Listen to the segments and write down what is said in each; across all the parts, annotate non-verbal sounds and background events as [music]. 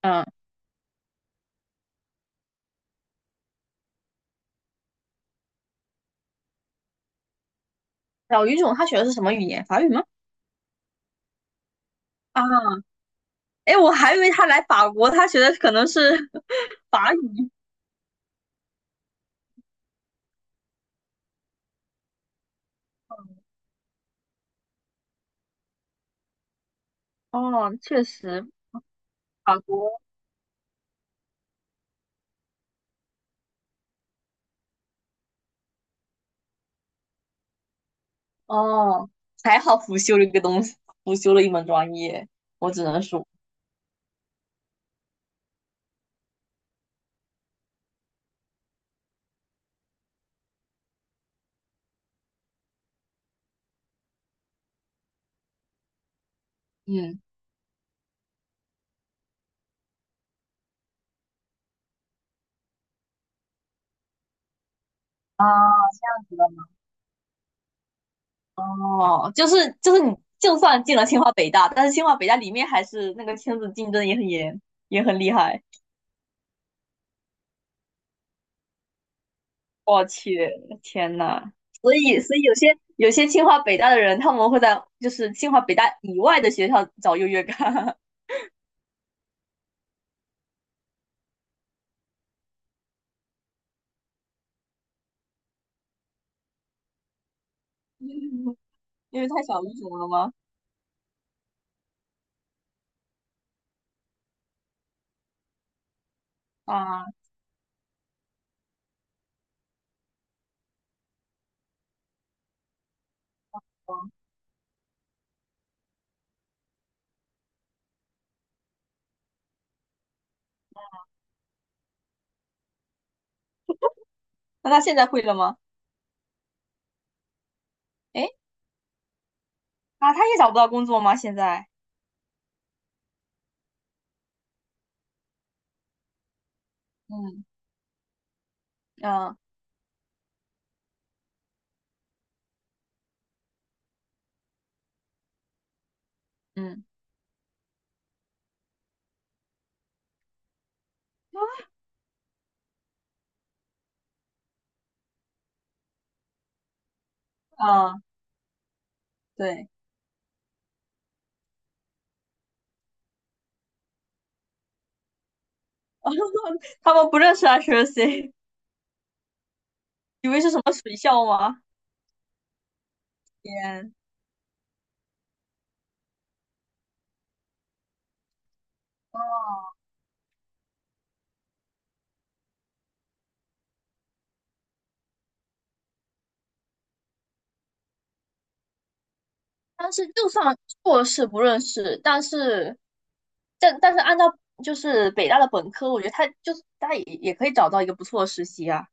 嗯，小语种他学的是什么语言？法语吗？啊，哎，我还以为他来法国，他学的可能是 [laughs] 法语。哦，确实，法国。哦，还好辅修了一个东西，辅修了一门专业，我只能说，嗯，啊，哦，就是你就算进了清华北大，但是清华北大里面还是那个圈子竞争也很严，也很厉害。我去，天呐！所以有些清华北大的人，他们会在就是清华北大以外的学校找优越感。[laughs] 因为太小语种了吗？啊，哦，那他现在会了吗？诶，啊，他也找不到工作吗？现在？嗯嗯嗯嗯，对。[laughs] 他们不认识 HSC，以为是什么水校吗？天，哦，但是就算硕士不认识，但是按照就是北大的本科，我觉得他就是他也可以找到一个不错的实习啊。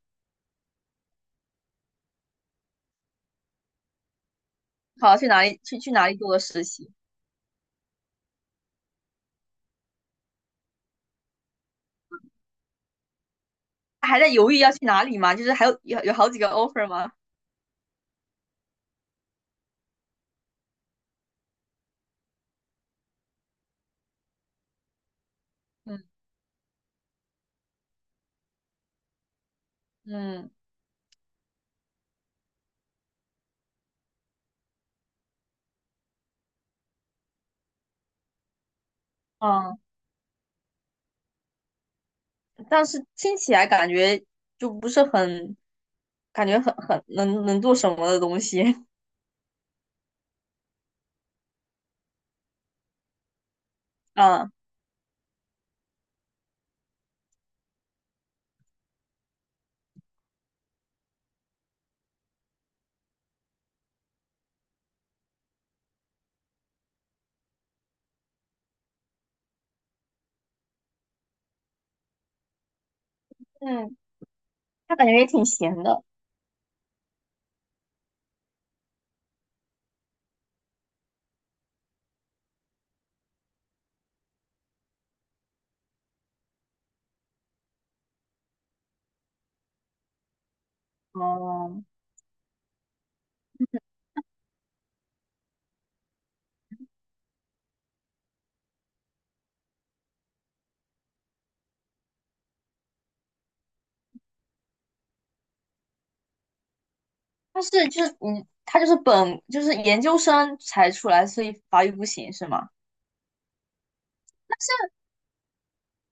好，去哪里做个实习？他还在犹豫要去哪里吗？就是还有好几个 offer 吗？嗯嗯嗯，但是听起来感觉就不是很，感觉很能做什么的东西。[laughs] 嗯嗯，他感觉也挺闲的。哦、他是就是他就是本就是研究生才出来，所以法语不行是吗？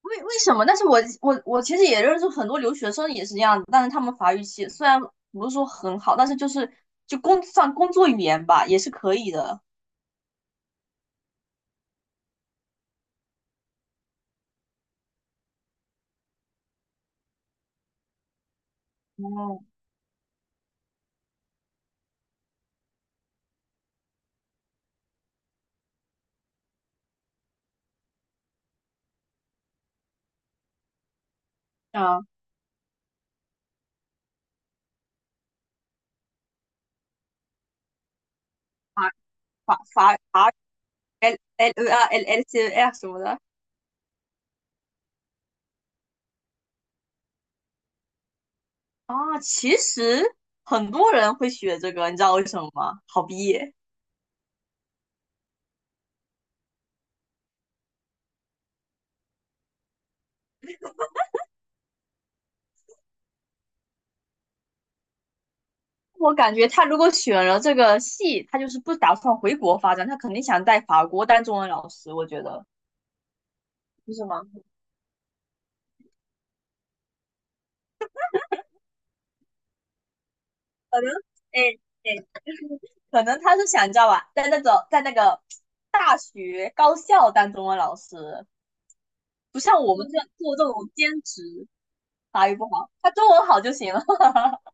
为什么？但是我其实也认识很多留学生也是这样的，但是他们法语系虽然不是说很好，但是就是算工作语言吧，也是可以的。哦，啊，法法法 L L L L L C L 什么的。啊，其实很多人会学这个，你知道为什么吗？好毕业。我感觉他如果选了这个系，他就是不打算回国发展，他肯定想在法国当中文老师，我觉得，不是吗？可能，哎哎，可能他是想你知道吧，在那个大学高校当中文老师，不像我们这样做这种兼职，法语不好，他中文好就行了。[laughs]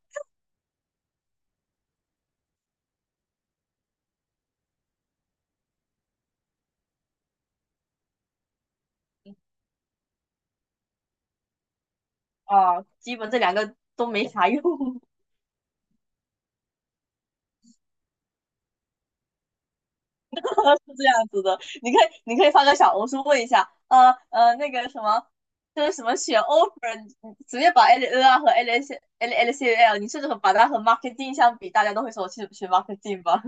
啊，基本这两个都没啥用。是这样子的，你可以发个小红书问一下，那个什么，就是什么选 offer，你直接把 L N 啊和 L S L L C L，你甚至把它和 marketing 相比，大家都会说我去学 marketing 吧。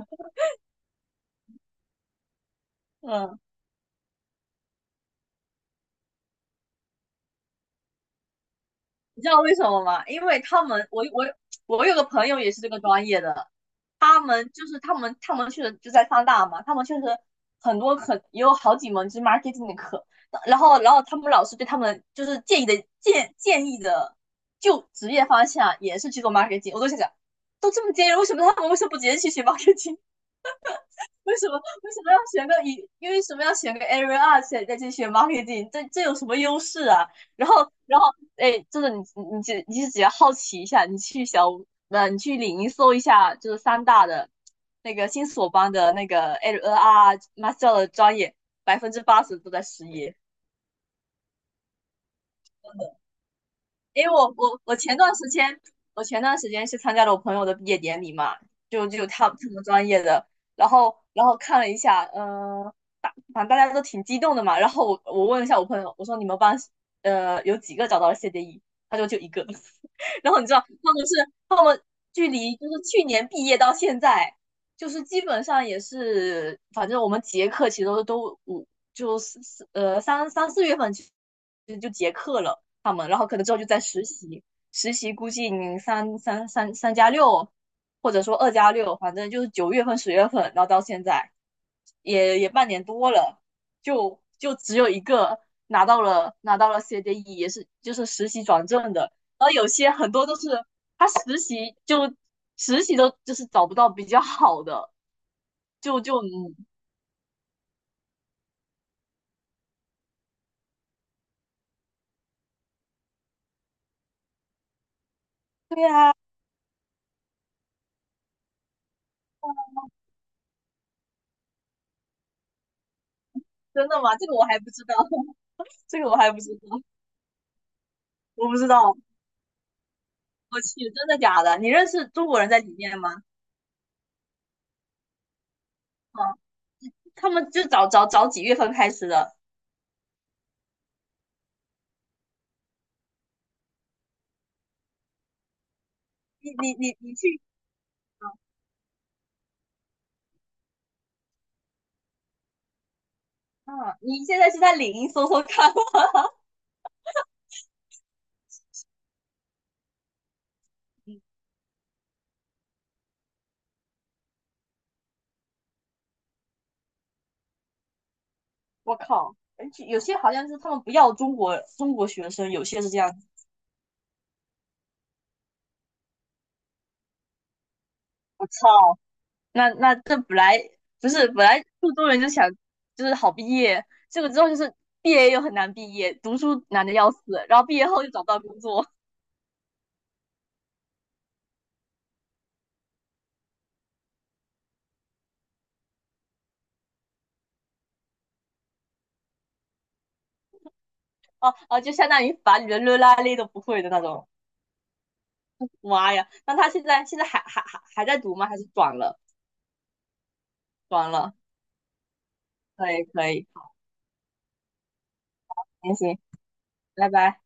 [laughs] 嗯，你知道为什么吗？因为他们，我有个朋友也是这个专业的，他们就是他们去就在上大嘛，他们确实很多也有好几门就是 marketing 的课，然后他们老师对他们就是建议的就职业方向也是去做 marketing，我都想想，都这么建议为什么不直接去学 marketing？为什么为什么要选个一？因为什么要选个 Area 二，再去选 marketing？这有什么优势啊？然后然后哎，真的你只要好奇一下，呃你去领英搜一下，就是三大的那个新索邦的那个 Area 二 master 的专业，80%都在失业。因为我前段时间，是参加了我朋友的毕业典礼嘛，他们专业的，然后看了一下，反正大家都挺激动的嘛，然后我问了一下我朋友，我说你们班有几个找到了 CDE，他说就一个。[laughs] 然后你知道他们距离就是去年毕业到现在，就是基本上也是，反正我们结课其实都五就四四三三四月份就结课了。他们，然后可能之后就在实习，实习估计你三加六，或者说2+6，反正就是9月份、10月份，然后到现在也半年多了，就只有一个拿到了 CDE，也是就是实习转正的，然后有些很多都是他实习都就是找不到比较好的，嗯，对呀、真的吗？这个我还不知道。[laughs] 这个我还不知道，我不知道。我去，真的假的？你认识中国人在里面吗？啊，他们就早几月份开始的？你去，啊？你现在是在领英搜搜看。[laughs] 嗯，我靠，而且有些好像是他们不要中国学生，有些是这样子。我操，那这不是本来苏中人就想就是好毕业，这个之后就是毕业又很难毕业，读书难的要死，然后毕业后又找不到工作，哦、啊哦，啊就相当于把你的热拉勒都不会的那种。妈呀！那他现在还在读吗？还是转了？转了，可以可以，行行，拜拜。